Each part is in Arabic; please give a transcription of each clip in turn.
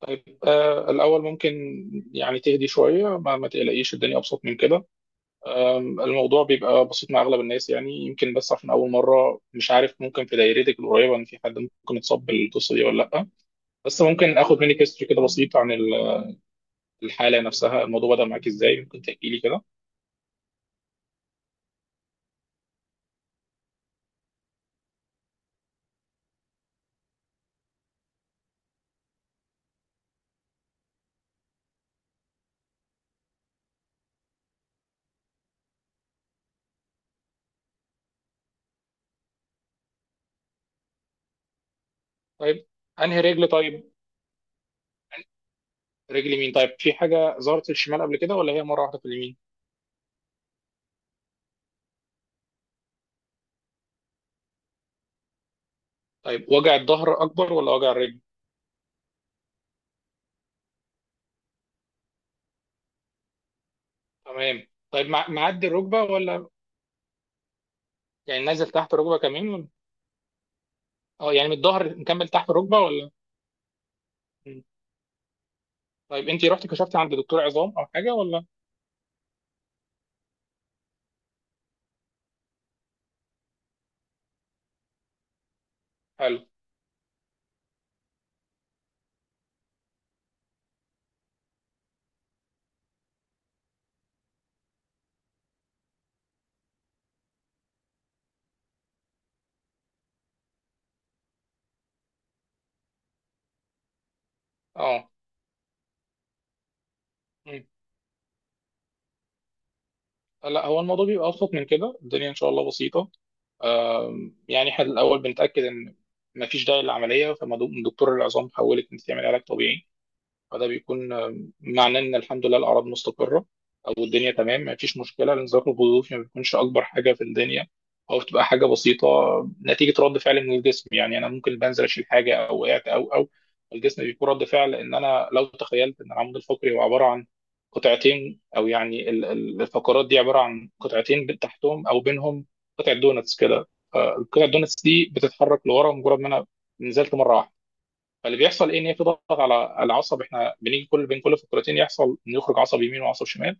طيب، الأول ممكن يعني تهدي شوية ما تقلقيش، الدنيا أبسط من كده. الموضوع بيبقى بسيط مع أغلب الناس، يعني يمكن بس عشان أول مرة مش عارف، ممكن في دايرتك القريبة إن في حد ممكن يتصاب بالقصة دي ولا لأ؟ بس ممكن آخد منك هيستوري كده بسيط عن الحالة نفسها؟ الموضوع بدأ معاك إزاي؟ ممكن تحكي لي كده. طيب، أنهي رجل؟ طيب، رجل يمين. طيب، في حاجة ظهرت في الشمال قبل كده ولا هي مرة واحدة في اليمين؟ طيب، وجع الظهر أكبر ولا وجع الرجل؟ تمام. طيب، معدي الركبة ولا؟ يعني نازل تحت الركبة كمان؟ اه، يعني من الظهر مكمل تحت الركبه ولا؟ مم. طيب، انت رحتي كشفتي عند دكتور عظام او حاجه ولا؟ حلو. اه. مم. لا، هو الموضوع بيبقى ابسط من كده، الدنيا ان شاء الله بسيطه. يعني احنا الاول بنتاكد ان مفيش داعي للعمليه، فدكتور العظام حولك انت تعمل علاج طبيعي، فده بيكون معناه ان الحمد لله الاعراض مستقره، او الدنيا تمام ما فيش مشكله. الانزلاق الغضروفي ما بيكونش اكبر حاجه في الدنيا، او بتبقى حاجه بسيطه نتيجه رد فعل من الجسم. يعني انا ممكن بنزل اشيل حاجه او وقعت او الجسم بيكون رد فعل. ان انا لو تخيلت ان العمود الفقري هو عباره عن قطعتين، او يعني الفقرات دي عباره عن قطعتين، تحتهم او بينهم قطعه دونتس كده، فالقطعه الدونتس دي بتتحرك لورا مجرد ما انا نزلت مره واحده. فاللي بيحصل ايه؟ ان هي بتضغط على العصب. احنا بنيجي كل بين كل فقرتين يحصل انه يخرج عصب يمين وعصب شمال،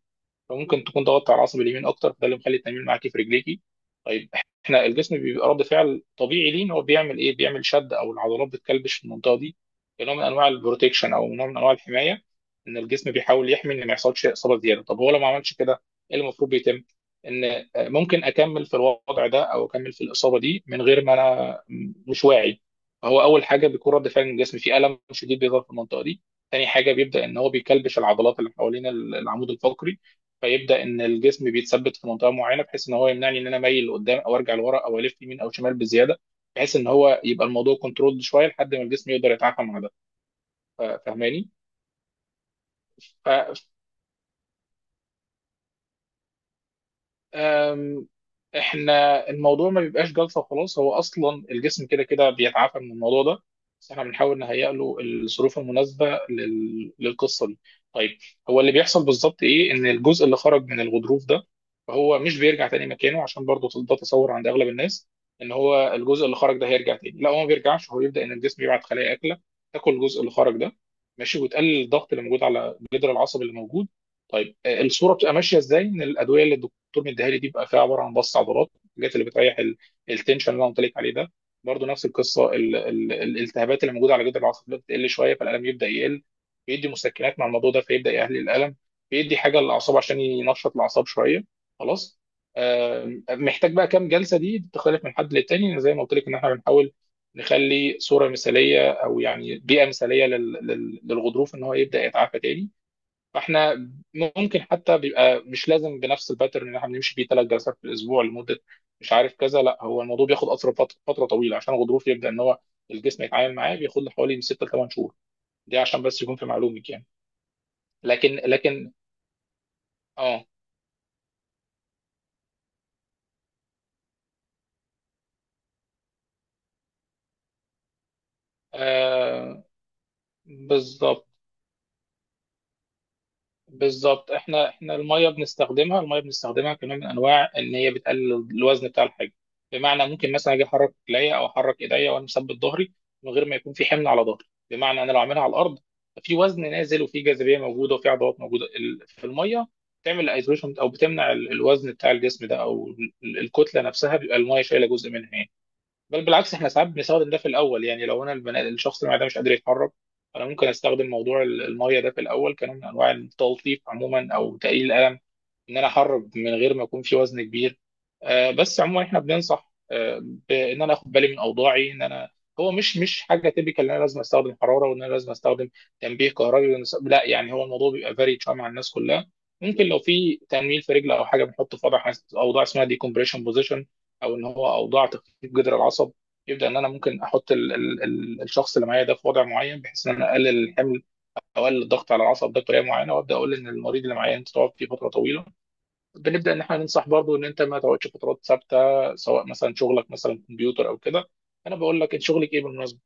فممكن تكون ضغطت على العصب اليمين اكتر، فده اللي مخلي التمرين معاكي في رجليكي. طيب، احنا الجسم بيبقى رد فعل طبيعي ليه، ان هو بيعمل ايه؟ بيعمل شد او العضلات بتكلبش في المنطقه دي كنوع من انواع البروتكشن او نوع من انواع الحمايه. ان الجسم بيحاول يحمي ان ما يحصلش اصابه زياده. طب هو لو ما عملش كده، ايه اللي المفروض بيتم؟ ان ممكن اكمل في الوضع ده او اكمل في الاصابه دي من غير ما انا مش واعي. فهو اول حاجه بيكون رد فعل من الجسم، في الم شديد بيظهر في المنطقه دي. تاني حاجه بيبدا ان هو بيكلبش العضلات اللي حوالين العمود الفقري، فيبدا ان الجسم بيتثبت في منطقه معينه بحيث ان هو يمنعني ان انا مايل لقدام او ارجع لورا او الف يمين او شمال بزياده، بحيث ان هو يبقى الموضوع كنترولد شويه لحد ما الجسم يقدر يتعافى مع ده. فاهماني؟ ف- أم، احنا الموضوع ما بيبقاش جلطه وخلاص، هو اصلا الجسم كده كده بيتعافى من الموضوع ده، بس احنا بنحاول نهيئ له الظروف المناسبه للقصه دي. طيب، هو اللي بيحصل بالظبط ايه؟ ان الجزء اللي خرج من الغضروف ده فهو مش بيرجع تاني مكانه، عشان برضه ده تصور عند اغلب الناس ان هو الجزء اللي خرج ده هيرجع تاني. لا، هو ما بيرجعش، هو يبدا ان الجسم يبعت خلايا اكله تاكل الجزء اللي خرج ده، ماشي، وتقلل الضغط اللي موجود على الجدر العصبي اللي موجود. طيب، الصوره بتبقى ماشيه ازاي؟ ان الادويه اللي الدكتور مديها لي دي بيبقى فيها عباره عن بس عضلات، الحاجات اللي بتريح التنشن اللي انا قلت لك عليه ده. برضه نفس القصه، الالتهابات اللي موجوده على جدر العصب بتقل شويه فالالم يبدا يقل. بيدي مسكنات مع الموضوع ده فيبدا يقلل الالم. بيدي حاجه للاعصاب عشان ينشط الاعصاب شويه. خلاص. محتاج بقى كام جلسه؟ دي بتختلف من حد للتاني، زي ما قلت لك ان احنا بنحاول نخلي صوره مثاليه او يعني بيئه مثاليه للغضروف ان هو يبدا يتعافى تاني. فاحنا ممكن حتى بيبقى مش لازم بنفس الباترن اللي احنا بنمشي بيه ثلاث جلسات في الاسبوع لمده مش عارف كذا. لا، هو الموضوع بياخد اثر فتره طويله عشان الغضروف يبدا ان هو الجسم يتعامل معاه. بياخد له حوالي من 6 ل 8 شهور، دي عشان بس يكون في معلومك يعني. لكن اه, آه بالظبط. بالظبط، احنا الميه بنستخدمها، الميه بنستخدمها كنوع من انواع ان هي بتقلل الوزن بتاع الحاجه. بمعنى ممكن مثلا اجي احرك رجليا او احرك ايديا وانا مثبت ظهري من غير ما يكون في حمل على ظهري. بمعنى انا لو عاملها على الارض ففي وزن نازل وفي جاذبيه موجوده وفي عضلات موجوده، في الميه بتعمل ايزوليشن او بتمنع الوزن بتاع الجسم ده او الكتله نفسها، بيبقى الميه شايله جزء منها يعني. بل بالعكس، احنا ساعات بنستخدم ده في الاول، يعني لو انا البناء الشخص اللي معده مش قادر يتحرك، انا ممكن استخدم موضوع الميه ده في الاول كنوع من انواع التلطيف عموما او تقليل الالم، ان انا احرك من غير ما يكون في وزن كبير. بس عموما احنا بننصح بان انا اخد بالي من اوضاعي، ان انا هو مش حاجه تيبيكال ان انا لازم استخدم حراره وان انا لازم استخدم تنبيه كهربي لا، يعني هو الموضوع بيبقى فاري شويه مع الناس كلها. ممكن لو في تنميل في رجل او حاجه بنحط في وضع، اوضاع اسمها ديكمبريشن بوزيشن، او ان هو اوضاع تخفيف جذر العصب. يبدا ان انا ممكن احط ال الشخص اللي معايا ده في وضع معين بحيث ان انا اقلل الحمل او اقلل الضغط على العصب ده بطريقه معينه. وابدا اقول ان المريض اللي معايا انت تقعد فيه فتره طويله، بنبدا ان احنا ننصح برضه ان انت ما تقعدش فترات ثابته، سواء مثلا شغلك مثلا كمبيوتر او كده. انا بقول لك انت شغلك ايه بالمناسبه؟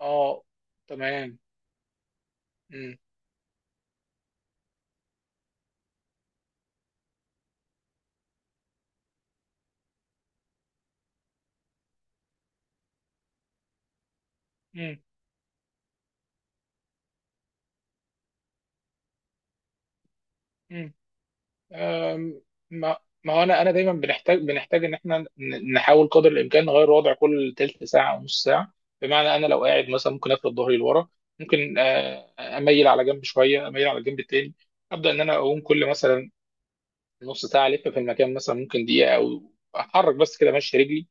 اه، تمام. امم. أم، ما ما هو انا دايما بنحتاج ان احنا نحاول قدر الامكان نغير وضع كل تلت ساعه او نص ساعه. بمعنى انا لو قاعد مثلا ممكن افرد ظهري لورا، ممكن اميل على جنب شويه، اميل على الجنب التاني. ابدا ان انا اقوم كل مثلا نص ساعه الف في المكان مثلا ممكن دقيقه او احرك بس كده ماشي رجلي.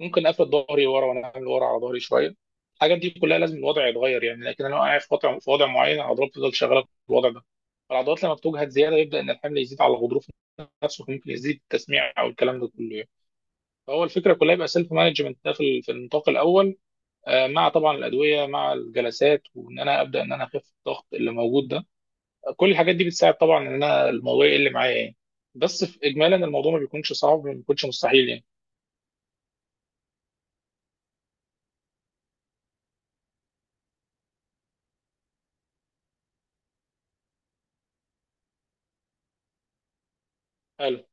ممكن اقفل ظهري ورا وانا عامل ورا على ظهري شويه. الحاجات دي كلها لازم الوضع يتغير يعني. لكن انا لو قاعد في وضع، معين العضلات بتفضل شغاله في الوضع ده، فالعضلات لما بتجهد زياده يبدا ان الحمل يزيد على الغضروف نفسه، ممكن يزيد التسميع او الكلام ده كله يعني. فهو الفكره كلها يبقى سيلف مانجمنت ده في النطاق الاول. مع طبعا الادويه مع الجلسات، وان انا ابدا ان انا اخف الضغط اللي موجود ده، كل الحاجات دي بتساعد طبعا ان انا الموضوع يقل معايا يعني. بس في اجمالا الموضوع ما بيكونش صعب، ما بيكونش مستحيل. يعني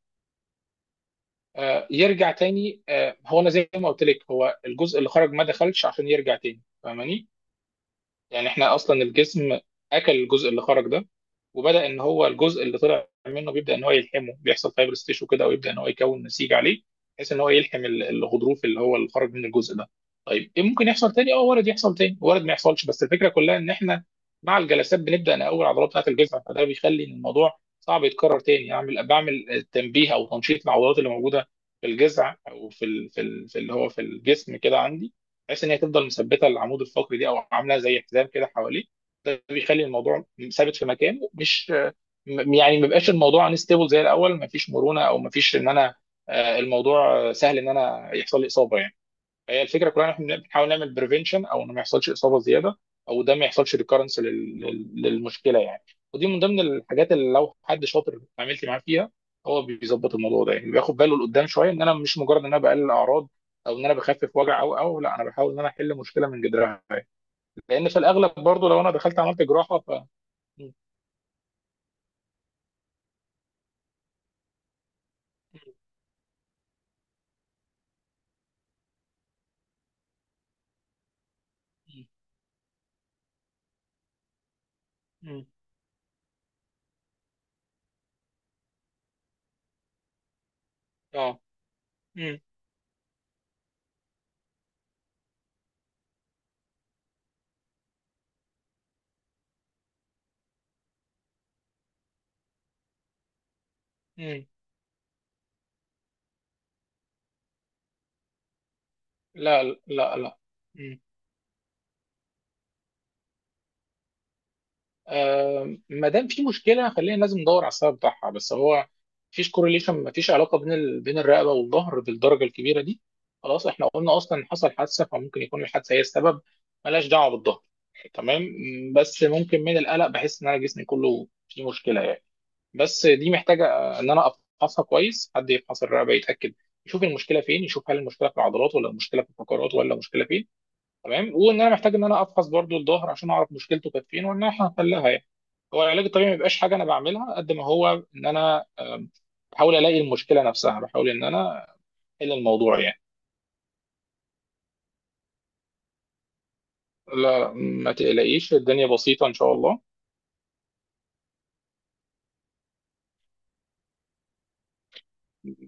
يرجع تاني. هو انا زي ما قلت لك هو الجزء اللي خرج ما دخلش عشان يرجع تاني، فاهماني؟ يعني احنا اصلا الجسم اكل الجزء اللي خرج ده، وبدا ان هو الجزء اللي طلع منه بيبدا ان هو يلحمه، بيحصل فايبرس تيشو كده ويبدا ان هو يكون نسيج عليه بحيث ان هو يلحم الغضروف اللي هو اللي خرج من الجزء ده. طيب ايه ممكن يحصل تاني؟ اه، وارد يحصل تاني، وارد ما يحصلش. بس الفكره كلها ان احنا مع الجلسات بنبدا نقوي العضلات بتاعه الجسم، فده بيخلي ان الموضوع صعب يتكرر تاني. اعمل بعمل تنبيه او تنشيط للعضلات اللي موجوده في الجذع او في اللي هو في الجسم كده عندي، بحيث ان هي تفضل مثبته العمود الفقري دي او عامله زي حزام كده حواليه. ده بيخلي الموضوع ثابت في مكانه، مش يعني ما بيبقاش الموضوع انستيبل زي الاول. ما فيش مرونه او ما فيش ان انا الموضوع سهل ان انا يحصل لي اصابه يعني. هي الفكره كلها ان احنا بنحاول نعمل بريفنشن، او انه ما يحصلش اصابه زياده، او ده ما يحصلش ريكارنس للمشكله يعني. ودي من ضمن الحاجات اللي لو حد شاطر عملت معاه فيها هو بيظبط الموضوع ده. يعني بياخد باله لقدام شويه، ان انا مش مجرد ان انا بقلل اعراض او ان انا بخفف وجع، او لا، انا بحاول ان انا احل مشكله من جذرها. لان في الاغلب برضو لو انا دخلت عملت جراحه ف م- م- م- م- اه. م- م- لا لا لا. م- ما دام في مشكله خلينا لازم ندور على السبب بتاعها. بس هو مفيش كورليشن، مفيش علاقه بين الرقبه والظهر بالدرجه الكبيره دي. خلاص، احنا قلنا اصلا حصل حادثه فممكن يكون الحادثه هي السبب، ملهاش دعوه بالظهر. تمام. بس ممكن من القلق بحس ان انا جسمي كله فيه مشكله يعني. بس دي محتاجه ان انا افحصها كويس، حد يفحص الرقبه يتاكد، يشوف المشكله فين، يشوف هل المشكله في العضلات ولا المشكله في الفقرات ولا المشكله فين. تمام، وان انا محتاج ان انا افحص برضو الظهر عشان اعرف مشكلته كانت فين وان احنا هنحلها يعني. هو العلاج الطبيعي ما بيبقاش حاجه انا بعملها، قد ما هو ان انا بحاول الاقي المشكله نفسها، بحاول ان انا احل الموضوع يعني. لا لا، ما تقلقيش، الدنيا بسيطه ان شاء الله.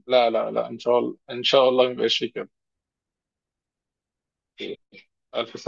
لا لا لا، ان شاء الله، ان شاء الله ما يبقاش فيه كده. الف سلامه.